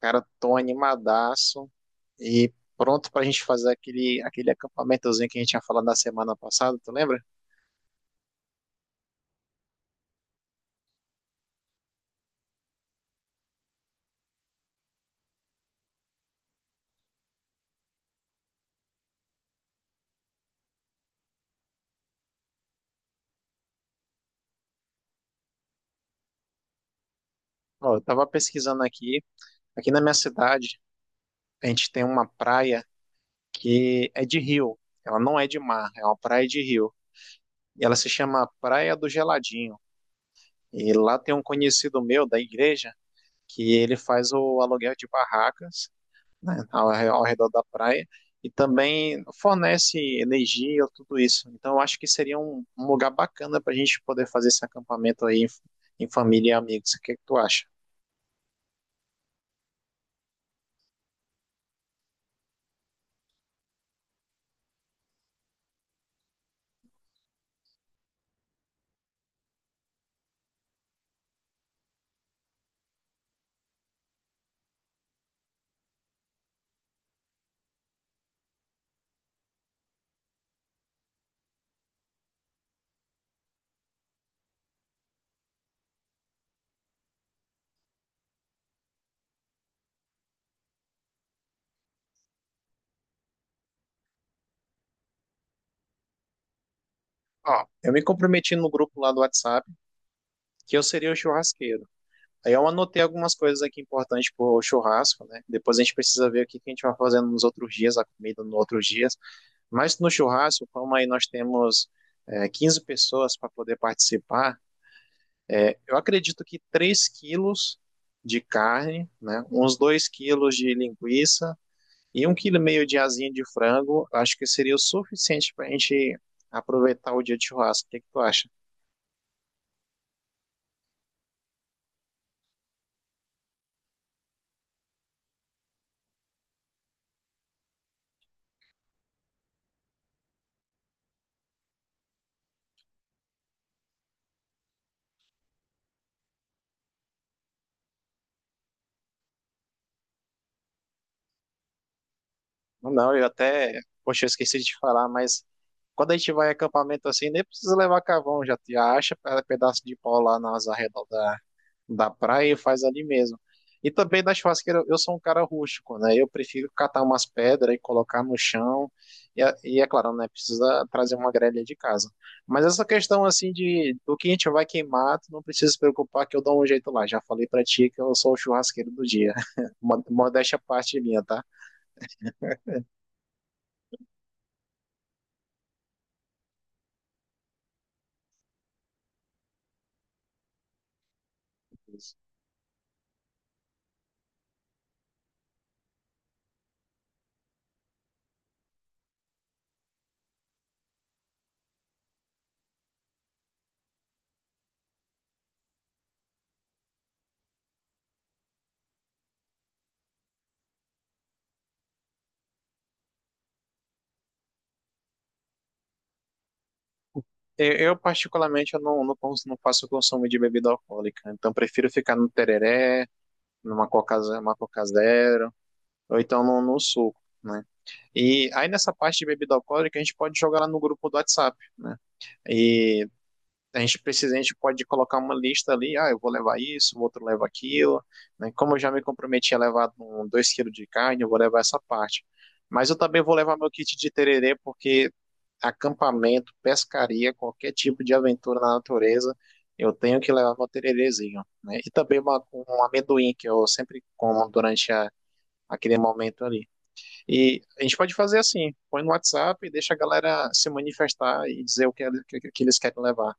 Cara, tô animadaço e pronto pra gente fazer aquele acampamentozinho que a gente tinha falado na semana passada, tu lembra? Ó, eu tava pesquisando aqui na minha cidade, a gente tem uma praia que é de rio, ela não é de mar, é uma praia de rio, e ela se chama Praia do Geladinho, e lá tem um conhecido meu da igreja que ele faz o aluguel de barracas né, ao redor da praia e também fornece energia, tudo isso. Então, eu acho que seria um lugar bacana para a gente poder fazer esse acampamento aí em, em família e amigos. O que é que tu acha? Ó, eu me comprometi no grupo lá do WhatsApp que eu seria o churrasqueiro. Aí eu anotei algumas coisas aqui importantes para o churrasco, né? Depois a gente precisa ver o que que a gente vai fazendo nos outros dias, a comida nos outros dias. Mas no churrasco, como aí nós temos 15 pessoas para poder participar. É, eu acredito que 3 quilos de carne, né, uns 2 quilos de linguiça e um quilo e meio de asinha de frango, acho que seria o suficiente para a gente aproveitar o dia de churrasco. O que que tu acha? Não, eu até, poxa, eu esqueci de te falar, mas quando a gente vai em acampamento assim, nem precisa levar carvão, já te acha pedaço de pau lá nas arredondas da praia e faz ali mesmo. E também na churrasqueira, eu sou um cara rústico, né? Eu prefiro catar umas pedras e colocar no chão. E é claro, né? Precisa trazer uma grelha de casa. Mas essa questão assim de do que a gente vai queimar, tu não precisa se preocupar que eu dou um jeito lá. Já falei pra ti que eu sou o churrasqueiro do dia. Modéstia à parte minha, tá? Particularmente, eu não faço consumo de bebida alcoólica. Então, prefiro ficar no tereré, numa uma coca zero, ou então no suco, né? E aí, nessa parte de bebida alcoólica, a gente pode jogar lá no grupo do WhatsApp, né? E a gente precisa, a gente pode colocar uma lista ali, ah, eu vou levar isso, o outro leva aquilo, né? Como eu já me comprometi a levar 2 quilos de carne, eu vou levar essa parte. Mas eu também vou levar meu kit de tererê, porque acampamento, pescaria, qualquer tipo de aventura na natureza, eu tenho que levar meu tererezinho, né? E também um amendoim que eu sempre como durante aquele momento ali. E a gente pode fazer assim, põe no WhatsApp e deixa a galera se manifestar e dizer o que, que eles querem levar.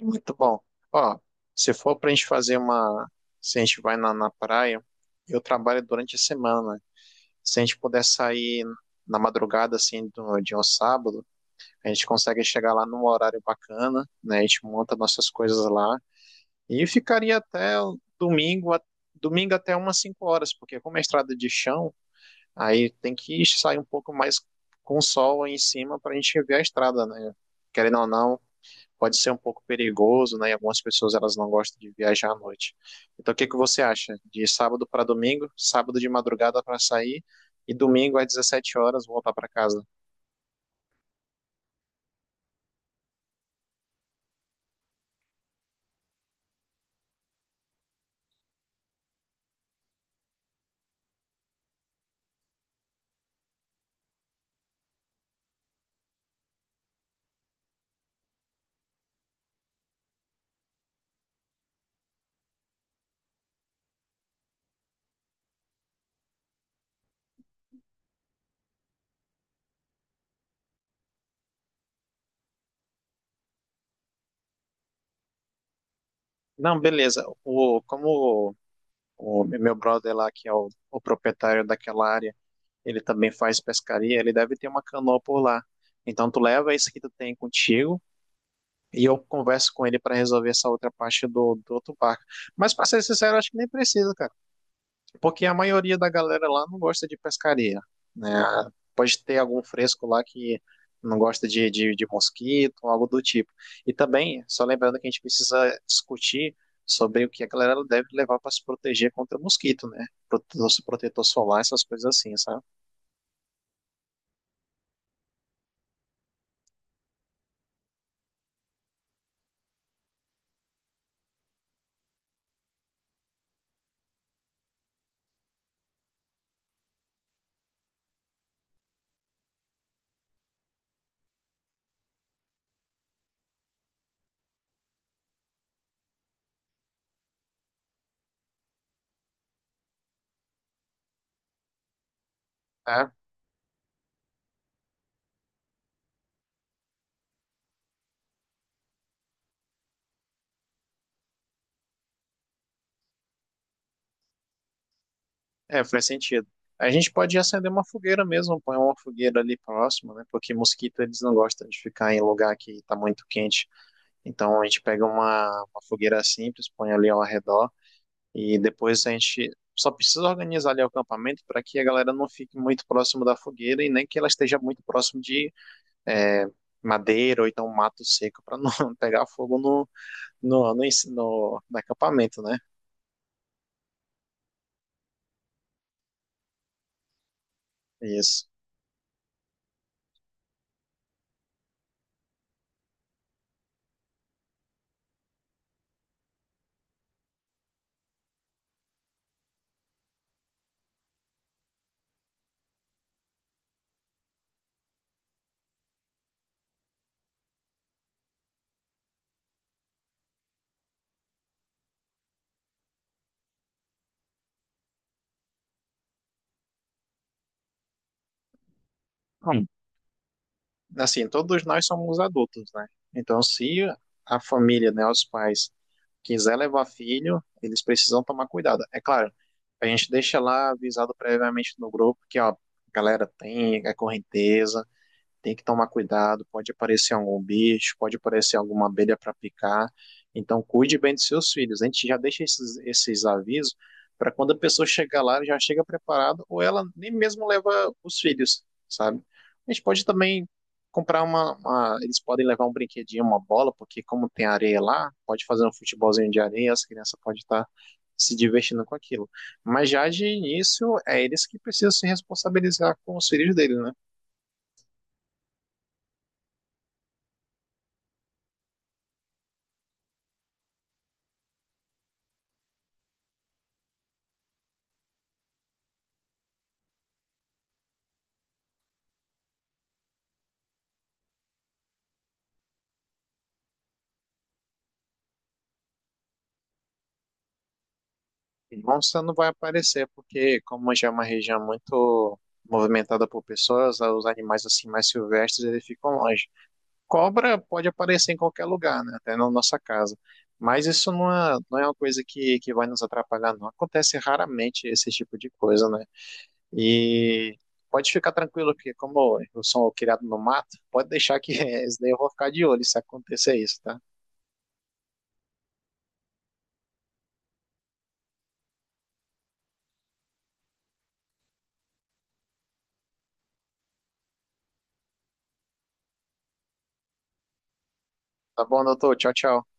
Muito bom. Ó, se for pra gente fazer uma, se a gente vai na praia, eu trabalho durante a semana. Se a gente puder sair na madrugada, assim, de um sábado, a gente consegue chegar lá num horário bacana, né? A gente monta nossas coisas lá e ficaria até o domingo até umas 5 horas, porque como é estrada de chão, aí tem que sair um pouco mais com o sol aí em cima para a gente ver a estrada, né? Querendo ou não, pode ser um pouco perigoso, né? E algumas pessoas elas não gostam de viajar à noite. Então, o que que você acha? De sábado para domingo, sábado de madrugada para sair e domingo às 17 horas voltar para casa? Não, beleza. O meu brother lá, que é o proprietário daquela área, ele também faz pescaria, ele deve ter uma canoa por lá. Então tu leva isso que tu tem contigo e eu converso com ele para resolver essa outra parte do outro barco. Mas para ser sincero, acho que nem precisa, cara. Porque a maioria da galera lá não gosta de pescaria, né? Pode ter algum fresco lá que não gosta de mosquito, algo do tipo. E também, só lembrando que a gente precisa discutir sobre o que a galera deve levar para se proteger contra mosquito, né? Protetor, protetor solar, essas coisas assim, sabe? É, faz sentido. A gente pode acender uma fogueira mesmo, põe uma fogueira ali próximo, né? Porque mosquito eles não gostam de ficar em lugar que está muito quente. Então a gente pega uma fogueira simples, põe ali ao redor. E depois a gente só precisa organizar ali o acampamento para que a galera não fique muito próximo da fogueira e nem que ela esteja muito próximo de é, madeira ou então um mato seco para não pegar fogo no acampamento, né? Isso. Bom, assim, todos nós somos adultos, né? Então, se a família, né, os pais, quiser levar filho, eles precisam tomar cuidado. É claro, a gente deixa lá avisado previamente no grupo que, ó, galera, tem a correnteza, tem que tomar cuidado, pode aparecer algum bicho, pode aparecer alguma abelha para picar. Então, cuide bem dos seus filhos. A gente já deixa esses avisos para quando a pessoa chegar lá, ela já chega preparada, ou ela nem mesmo leva os filhos, sabe? A gente pode também comprar eles podem levar um brinquedinho, uma bola, porque como tem areia lá, pode fazer um futebolzinho de areia, as crianças podem estar se divertindo com aquilo. Mas já de início, é eles que precisam se responsabilizar com os filhos deles, né? Monstro não vai aparecer, porque como já é uma região muito movimentada por pessoas, os animais assim mais silvestres, eles ficam longe. Cobra pode aparecer em qualquer lugar, né? Até na nossa casa. Mas isso não é uma coisa que vai nos atrapalhar, não. Acontece raramente esse tipo de coisa, né? E pode ficar tranquilo que, como eu sou um criado no mato, pode deixar que esse daí eu vou ficar de olho se acontecer isso, tá? Tá bom, doutor? Tchau, tchau.